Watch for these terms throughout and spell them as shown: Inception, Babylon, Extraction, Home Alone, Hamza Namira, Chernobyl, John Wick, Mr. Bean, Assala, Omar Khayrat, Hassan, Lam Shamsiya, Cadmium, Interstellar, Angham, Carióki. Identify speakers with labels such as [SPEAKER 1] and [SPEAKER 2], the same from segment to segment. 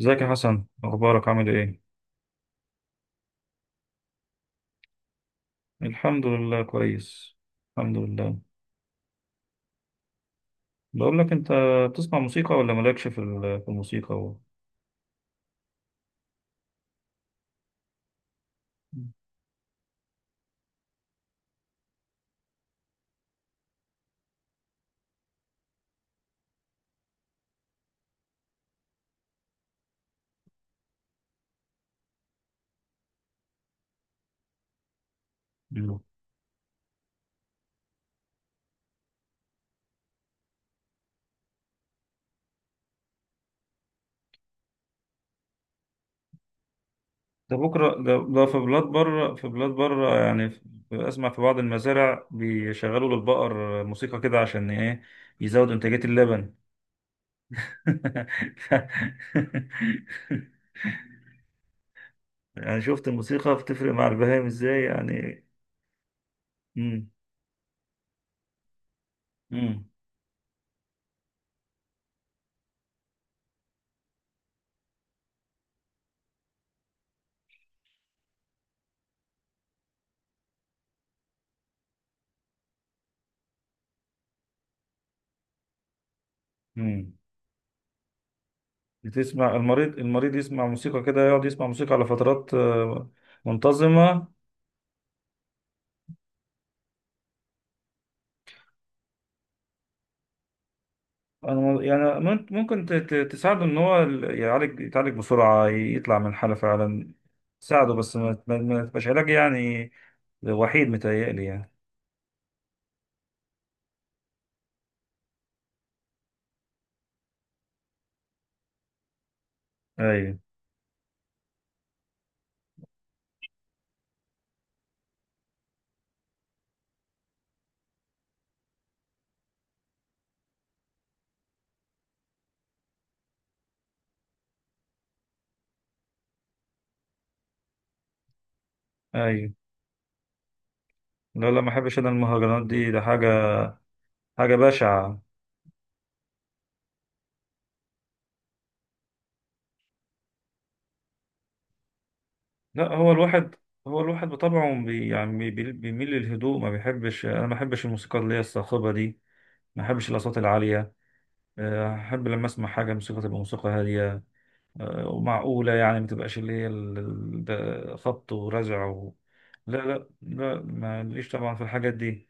[SPEAKER 1] ازيك يا حسن؟ اخبارك؟ عامل ايه؟ الحمد لله كويس. الحمد لله. بقول لك انت، بتسمع موسيقى ولا مالكش في الموسيقى مم. ده بكره ده، في بلاد بره يعني اسمع، في بعض المزارع بيشغلوا للبقر موسيقى كده عشان ايه؟ يزود انتاجية اللبن. ف... يعني شفت الموسيقى بتفرق مع البهائم ازاي يعني؟ امم. امم. بتسمع المريض، يسمع موسيقى كده، يقعد يسمع موسيقى على فترات، منتظمة. أنا- يعني ممكن تساعده إن هو يعالج، يتعالج بسرعة، يطلع من الحالة فعلا. تساعده، بس ما ما تبقاش علاج يعني، وحيد، متهيألي يعني. أيوه. أيوه. لا، لا، ما أحبش أنا المهرجانات دي، ده حاجة، حاجة بشعة. لا، هو الواحد، هو الواحد بطبعه بيميل للهدوء، ما بيحبش، أنا ما بحبش الموسيقى اللي هي الصاخبة دي، ما بحبش الأصوات العالية. أحب لما أسمع حاجة موسيقى تبقى موسيقى هادية، ومعقولة يعني، ما تبقاش اللي هي ده خبط ورزع لا، لا، لا، ما ليش طبعا في الحاجات دي.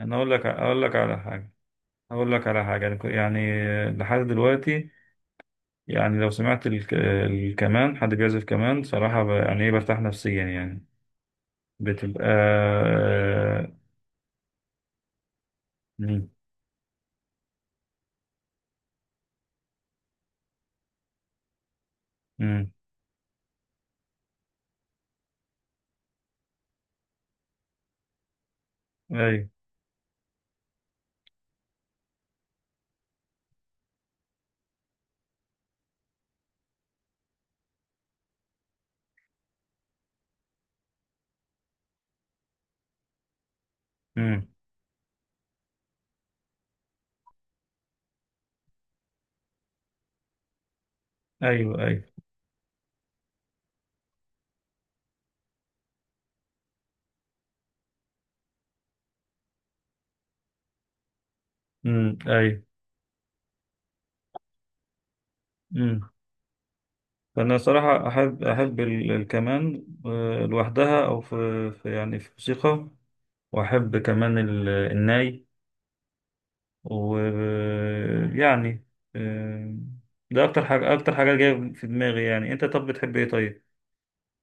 [SPEAKER 1] أنا أقول لك على حاجة، أقول لك على حاجة، يعني يعني، لحد دلوقتي، يعني لو سمعت الكمان، حد بيعزف كمان صراحة يعني إيه، برتاح نفسيا يعني، بتبقى مم. مم. أيوه. مم. أيوه. أيوه. مم. أيوه. فأنا صراحة أحب الكمان لوحدها، أو يعني في موسيقى، وأحب كمان الناي، ويعني آه، ده أكتر حاجة، أكتر حاجة جاية في دماغي يعني. أنت طب بتحب إيه طيب؟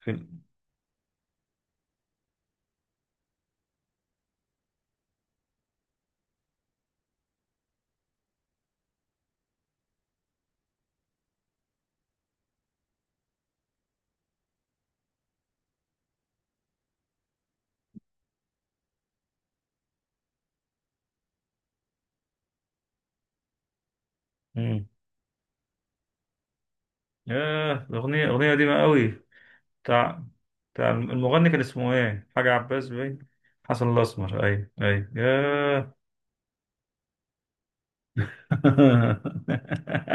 [SPEAKER 1] في ال- مم. ياه، الأغنية قديمة قوي. بتاع بتاع المغني كان اسمه إيه؟ حاجة، عباس باين، حسن الأسمر، أيوه، أيوه، ياه.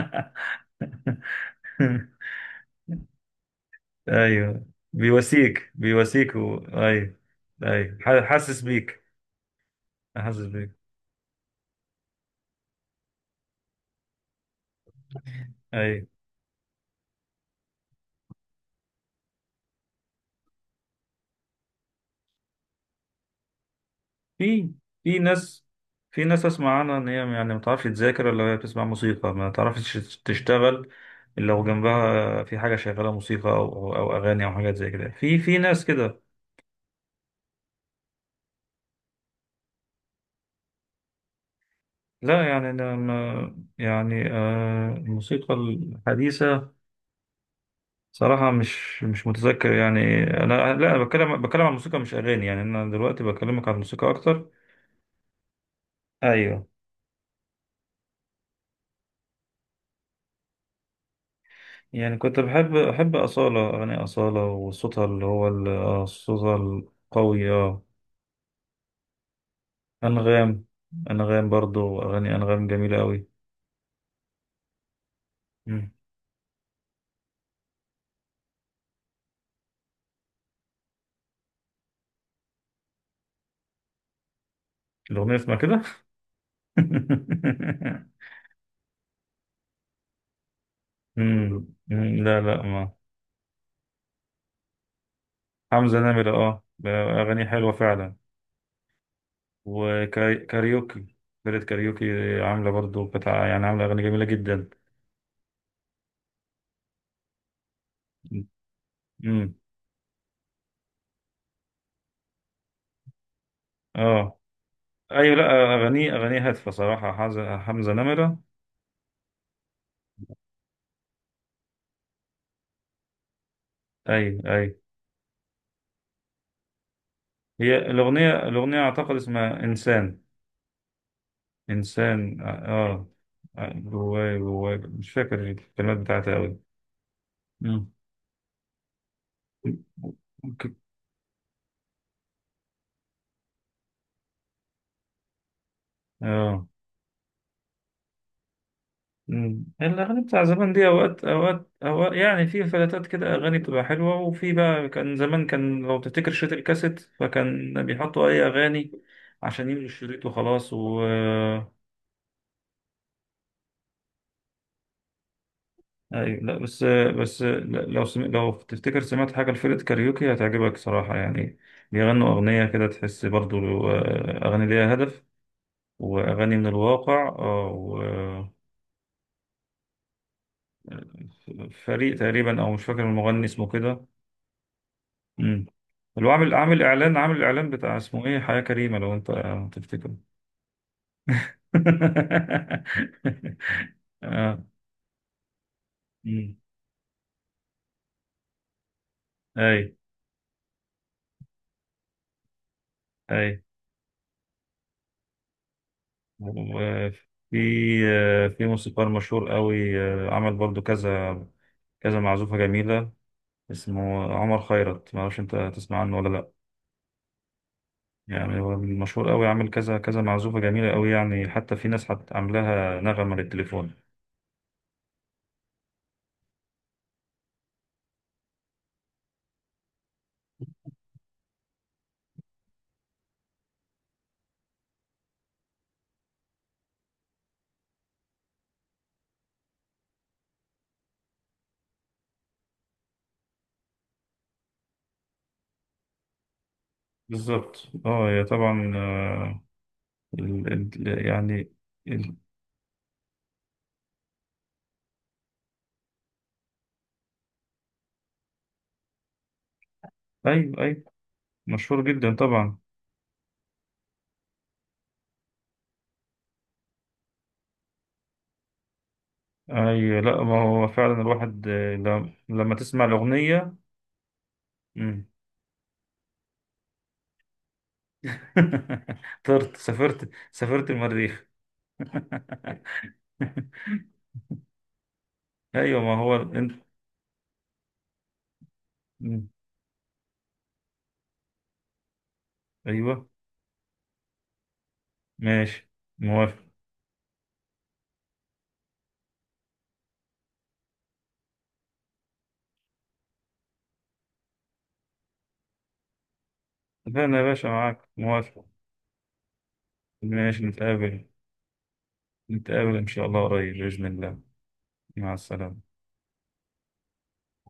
[SPEAKER 1] ايوه. بيواسيك ايوه. ايوه حاسس بيك، حاسس بيك، ايوه. في في ناس في ناس اسمع عنها ان هي، يعني ما بتعرفش تذاكر الا وهي بتسمع موسيقى، ما تعرفش تشتغل الا لو جنبها في حاجه شغاله موسيقى، او أو اغاني او حاجات زي كده، في ناس كده. لا، يعني انا، ما يعني، الموسيقى الحديثه صراحه مش متذكر يعني. انا، لا، أنا بتكلم عن الموسيقى مش اغاني، يعني انا دلوقتي بكلمك عن الموسيقى اكتر. ايوه. يعني كنت بحب اصاله، اغاني اصاله وصوتها اللي هو صوتها القوي، انغام انغام برضو اغاني انغام جميله قوي. مم. الاغنيه اسمها كده. مم. مم. لا، لا، ما. حمزه نمره، اغاني حلوه فعلا، وكاريوكي، فرقه كاريوكي عامله برضو، كانت يعني عامله اغاني جميله جدا. مم. اه. ايوه. لا، اغاني هادفه صراحه، حمزه نمره. ايوه، ايوه. هي الأغنية أعتقد اسمها إنسان، إنسان، آه. جواي مش فاكر الكلمات بتاعتها أوي. مم. ك- آه. مم. الأغاني بتاع زمان دي، أوقات أوقات أوقات يعني في فلاتات كده أغاني بتبقى حلوة، وفي بقى، كان زمان، كان لو تفتكر شريط الكاسيت، فكان بيحطوا أي أغاني عشان يملوا الشريط وخلاص. ايوه، لا، بس لو لو تفتكر سمعت حاجه لفرقه كاريوكي هتعجبك صراحه يعني، بيغنوا اغنيه كده تحس برضو، اغاني ليها هدف، واغاني من الواقع، فريق تقريبا، او مش فاكر، المغني اسمه كده. امم. اللي هو عامل اعلان بتاع اسمه ايه، حياه كريمه، لو انت تفتكر. اه. أمم. اي. اي. وفي في موسيقار مشهور قوي، عمل برضو كذا كذا معزوفة جميلة، اسمه عمر خيرت، ما اعرفش انت تسمع عنه ولا لا؟ يعني هو مشهور قوي، عامل كذا كذا معزوفة جميلة قوي، يعني حتى في ناس عاملاها نغمة للتليفون. بالظبط. اه، هي طبعا، ال ال يعني، ال ايوه، ايوه، مشهور جدا طبعا. اي، لا، ما هو فعلا الواحد لما تسمع الأغنية. مم. طرت، سافرت المريخ. ايوه، ما هو انت. مم. ايوه. ماشي. موافق. اتفقنا يا باشا، معاك، موافق. ماشي، نتقابل. نتقابل ان شاء الله قريب باذن الله. مع السلامه.